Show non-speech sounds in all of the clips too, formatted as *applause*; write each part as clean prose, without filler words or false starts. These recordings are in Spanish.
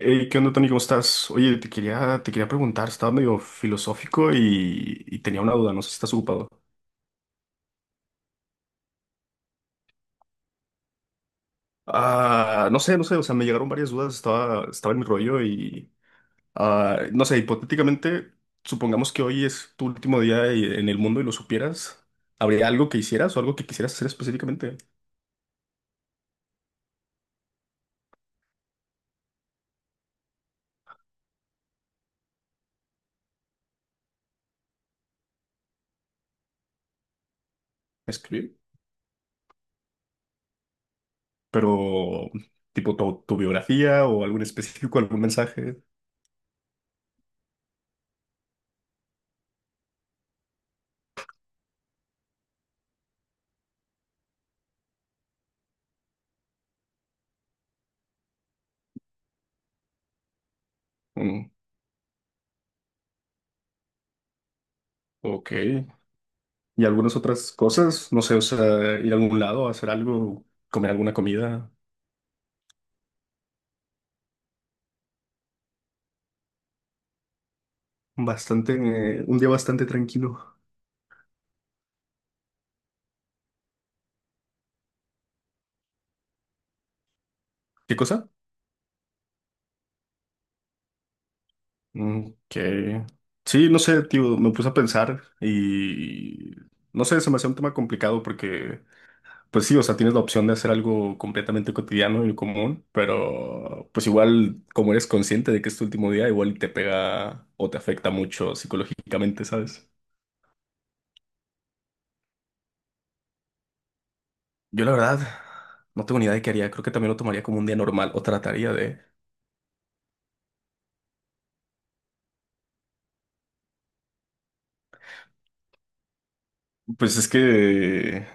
Hey, ¿qué onda, Tony? ¿Cómo estás? Oye, te quería preguntar, estaba medio filosófico y, tenía una duda, no sé si estás ocupado. Ah, no sé, o sea, me llegaron varias dudas, estaba en mi rollo y, ah, no sé, hipotéticamente, supongamos que hoy es tu último día en el mundo y lo supieras, ¿habría algo que hicieras o algo que quisieras hacer específicamente? Escribir, pero tipo tu biografía o algún específico, algún mensaje. Mm, ok. Y algunas otras cosas, no sé, o sea, ir a algún lado, hacer algo, comer alguna comida, bastante, un día bastante tranquilo. ¿Qué cosa? Mm, que sí, no sé, tío, me puse a pensar y no sé, se me hacía un tema complicado porque pues sí, o sea, tienes la opción de hacer algo completamente cotidiano y común, pero pues igual, como eres consciente de que es tu último día, igual y te pega o te afecta mucho psicológicamente, ¿sabes? Yo la verdad no tengo ni idea de qué haría. Creo que también lo tomaría como un día normal o trataría de... Pues es que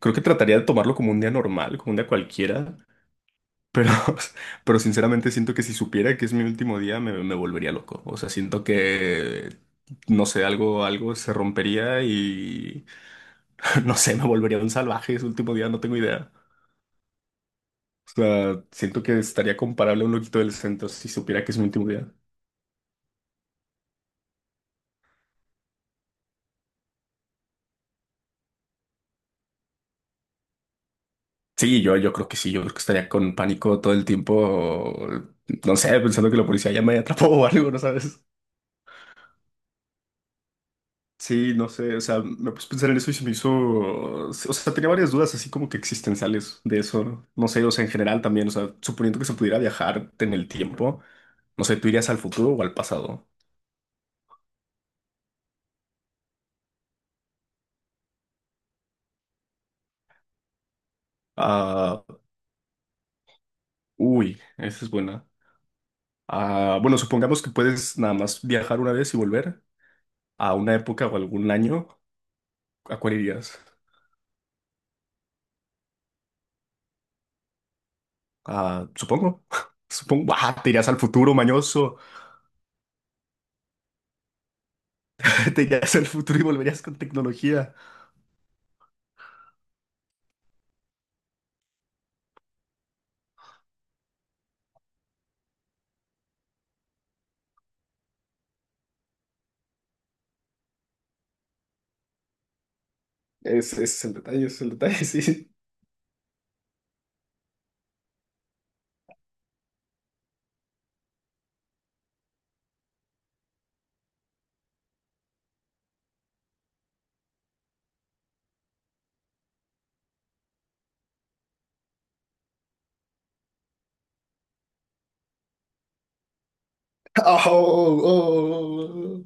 creo que trataría de tomarlo como un día normal, como un día cualquiera. Pero *laughs* pero sinceramente siento que si supiera que es mi último día me volvería loco. O sea, siento que, no sé, algo se rompería y, *laughs* no sé, me volvería un salvaje ese último día, no tengo idea. O sea, siento que estaría comparable a un loquito del centro si supiera que es mi último día. Sí, yo creo que sí, yo creo que estaría con pánico todo el tiempo, no sé, pensando que la policía ya me atrapó *laughs* o algo, ¿no sabes? Sí, no sé, o sea, me puse a pensar en eso y se me hizo, o sea, tenía varias dudas así como que existenciales de eso, ¿no? No sé, o sea, en general también, o sea, suponiendo que se pudiera viajar en el tiempo, no sé, ¿tú irías al futuro o al pasado? Ah, uy, esa es buena. Ah, bueno, supongamos que puedes nada más viajar una vez y volver a una época o algún año, ¿a cuál irías? Ah, supongo. *laughs* Supongo. Ah, te irías al futuro, mañoso. *laughs* Te irías al futuro y volverías con tecnología. Ese es el detalle, ese es el detalle, *laughs* sí. Oh, oh, oh, oh.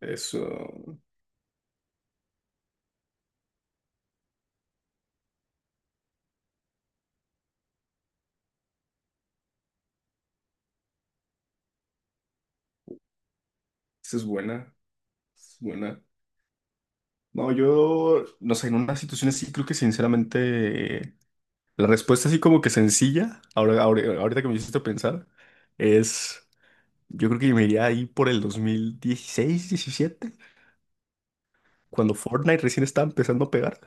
Eso, esa es buena, es buena. No, yo, no sé, en una situación así creo que sinceramente la respuesta así como que sencilla, ahora, ahorita que me hiciste pensar, es, yo creo que me iría ahí por el 2016, 17, cuando Fortnite recién estaba empezando a pegar.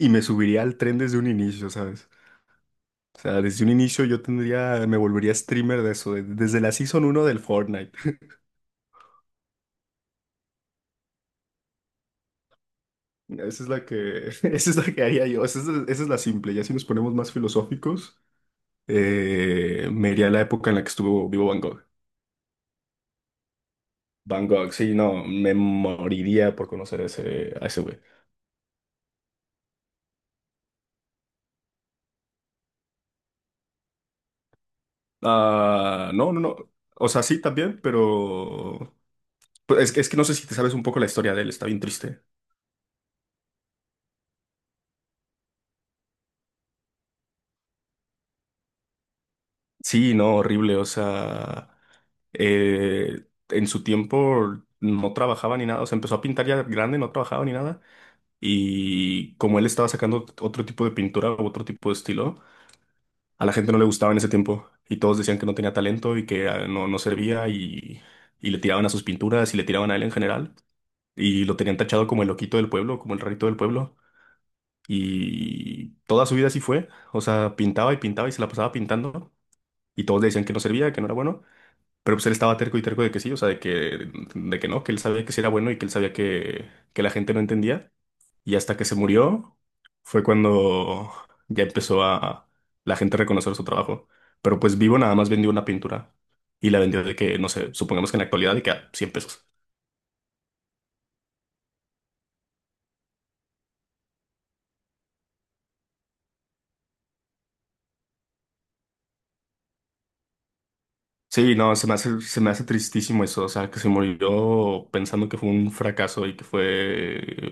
Y me subiría al tren desde un inicio, ¿sabes? O sea, desde un inicio yo tendría, me volvería streamer de eso, desde la Season 1 del Fortnite. *laughs* Esa es la que, *laughs* esa es la que haría yo, esa es la simple. Ya si nos ponemos más filosóficos, me iría a la época en la que estuvo vivo Van Gogh. Van Gogh, sí, no, me moriría por conocer a ese güey. Ah, no, no, no. O sea, sí, también, pero... Pero es que, es que no sé si te sabes un poco la historia de él, está bien triste. Sí, no, horrible. O sea, en su tiempo no trabajaba ni nada. O sea, empezó a pintar ya grande, no trabajaba ni nada. Y como él estaba sacando otro tipo de pintura o otro tipo de estilo, a la gente no le gustaba en ese tiempo. Y todos decían que no tenía talento y que ah, no, no servía y le tiraban a sus pinturas y le tiraban a él en general. Y lo tenían tachado como el loquito del pueblo, como el rarito del pueblo. Y toda su vida así fue. O sea, pintaba y pintaba y se la pasaba pintando. Y todos le decían que no servía, que no era bueno. Pero pues él estaba terco y terco de que sí, o sea, de que no, que él sabía que sí era bueno y que él sabía que la gente no entendía. Y hasta que se murió fue cuando ya empezó a la gente a reconocer su trabajo. Pero pues vivo nada más vendió una pintura y la vendió de que, no sé, supongamos que en la actualidad de que a 100 pesos. Sí, no, se me hace tristísimo eso, o sea, que se murió pensando que fue un fracaso y que fue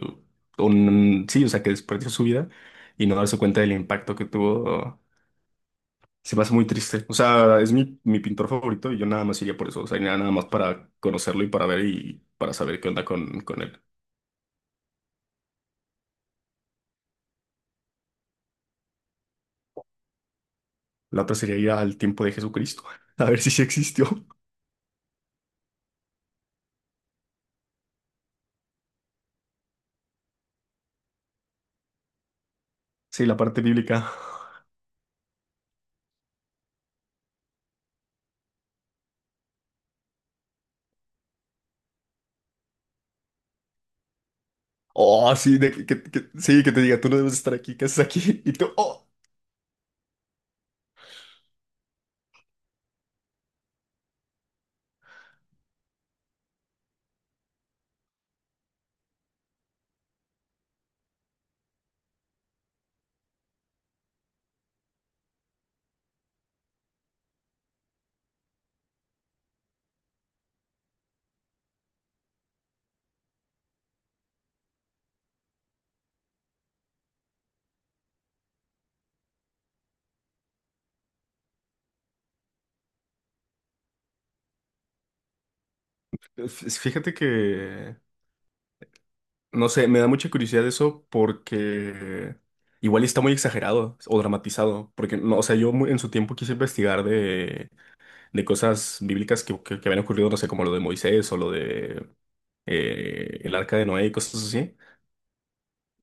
un, sí, o sea, que desperdició su vida y no darse cuenta del impacto que tuvo. Se me hace muy triste. O sea, es mi, mi pintor favorito y yo nada más iría por eso. O sea, iría nada más para conocerlo y para ver y para saber qué onda con él. La otra sería ir al tiempo de Jesucristo, *laughs* a ver si sí existió. Sí, la parte bíblica. Oh, sí, de que, sí, que te diga, tú no debes estar aquí, ¿qué haces aquí? *laughs* Y tú, oh. Fíjate que, no sé, me da mucha curiosidad eso porque igual está muy exagerado o dramatizado. Porque, no, o sea, yo en su tiempo quise investigar de cosas bíblicas que, que habían ocurrido, no sé, como lo de Moisés o lo de el arca de Noé y cosas así.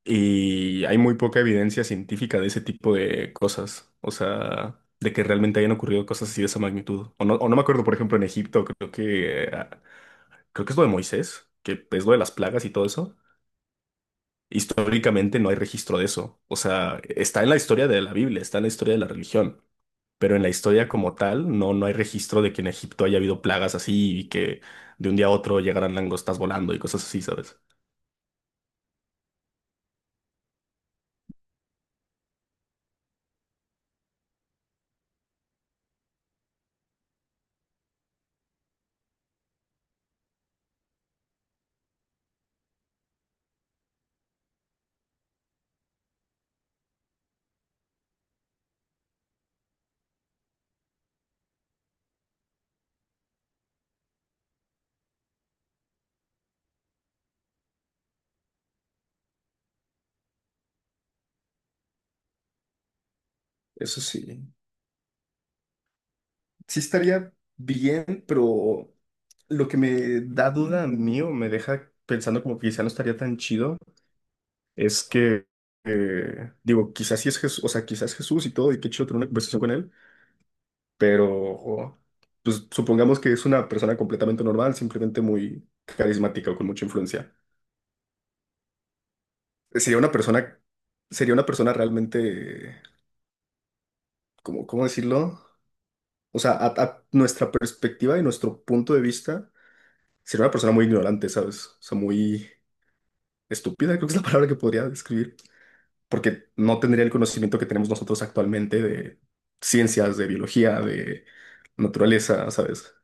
Y hay muy poca evidencia científica de ese tipo de cosas, o sea, de que realmente hayan ocurrido cosas así de esa magnitud. O no me acuerdo, por ejemplo, en Egipto, creo que es lo de Moisés, que es lo de las plagas y todo eso. Históricamente no hay registro de eso. O sea, está en la historia de la Biblia, está en la historia de la religión, pero en la historia como tal, no, no hay registro de que en Egipto haya habido plagas así y que de un día a otro llegaran langostas volando y cosas así, ¿sabes? Eso sí, sí estaría bien, pero lo que me da duda a mí o me deja pensando como que quizá no estaría tan chido es que, digo, quizás sí es Jesús, o sea, quizás Jesús y todo, y qué chido tener una conversación con él, pero pues supongamos que es una persona completamente normal, simplemente muy carismática o con mucha influencia. Sería una persona, sería una persona realmente, ¿cómo, cómo decirlo? O sea, a nuestra perspectiva y nuestro punto de vista, sería una persona muy ignorante, ¿sabes? O sea, muy estúpida, creo que es la palabra que podría describir, porque no tendría el conocimiento que tenemos nosotros actualmente de ciencias, de biología, de naturaleza, ¿sabes?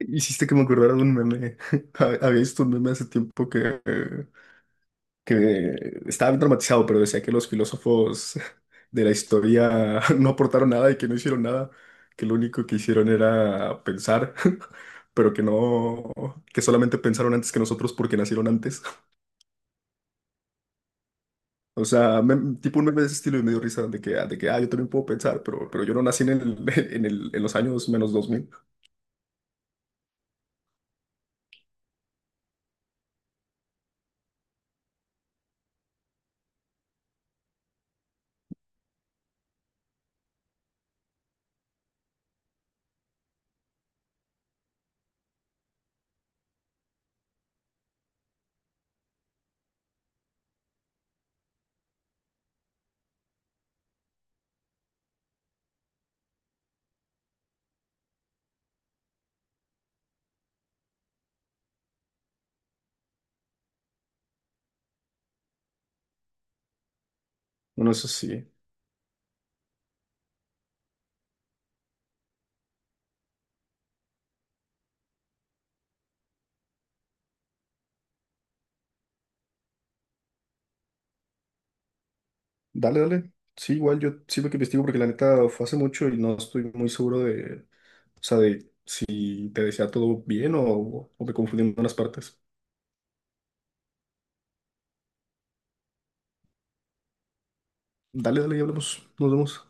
Hiciste que me acordara de un meme. *laughs* Había visto un meme hace tiempo que estaba traumatizado, pero decía que los filósofos *laughs* de la historia *laughs* no aportaron nada y que no hicieron nada, que lo único que hicieron era pensar, *laughs* pero que no, que solamente pensaron antes que nosotros porque nacieron antes. *laughs* O sea, tipo un meme de ese estilo y medio risa de que, ah, yo también puedo pensar, pero yo no nací en el, *laughs* en el, en los años menos 2000. Bueno, eso sí. Dale, dale. Sí, igual yo siempre que investigo porque la neta fue hace mucho y no estoy muy seguro de. O sea, de si te decía todo bien o me confundí en unas partes. Dale, dale y hablamos. Nos vemos.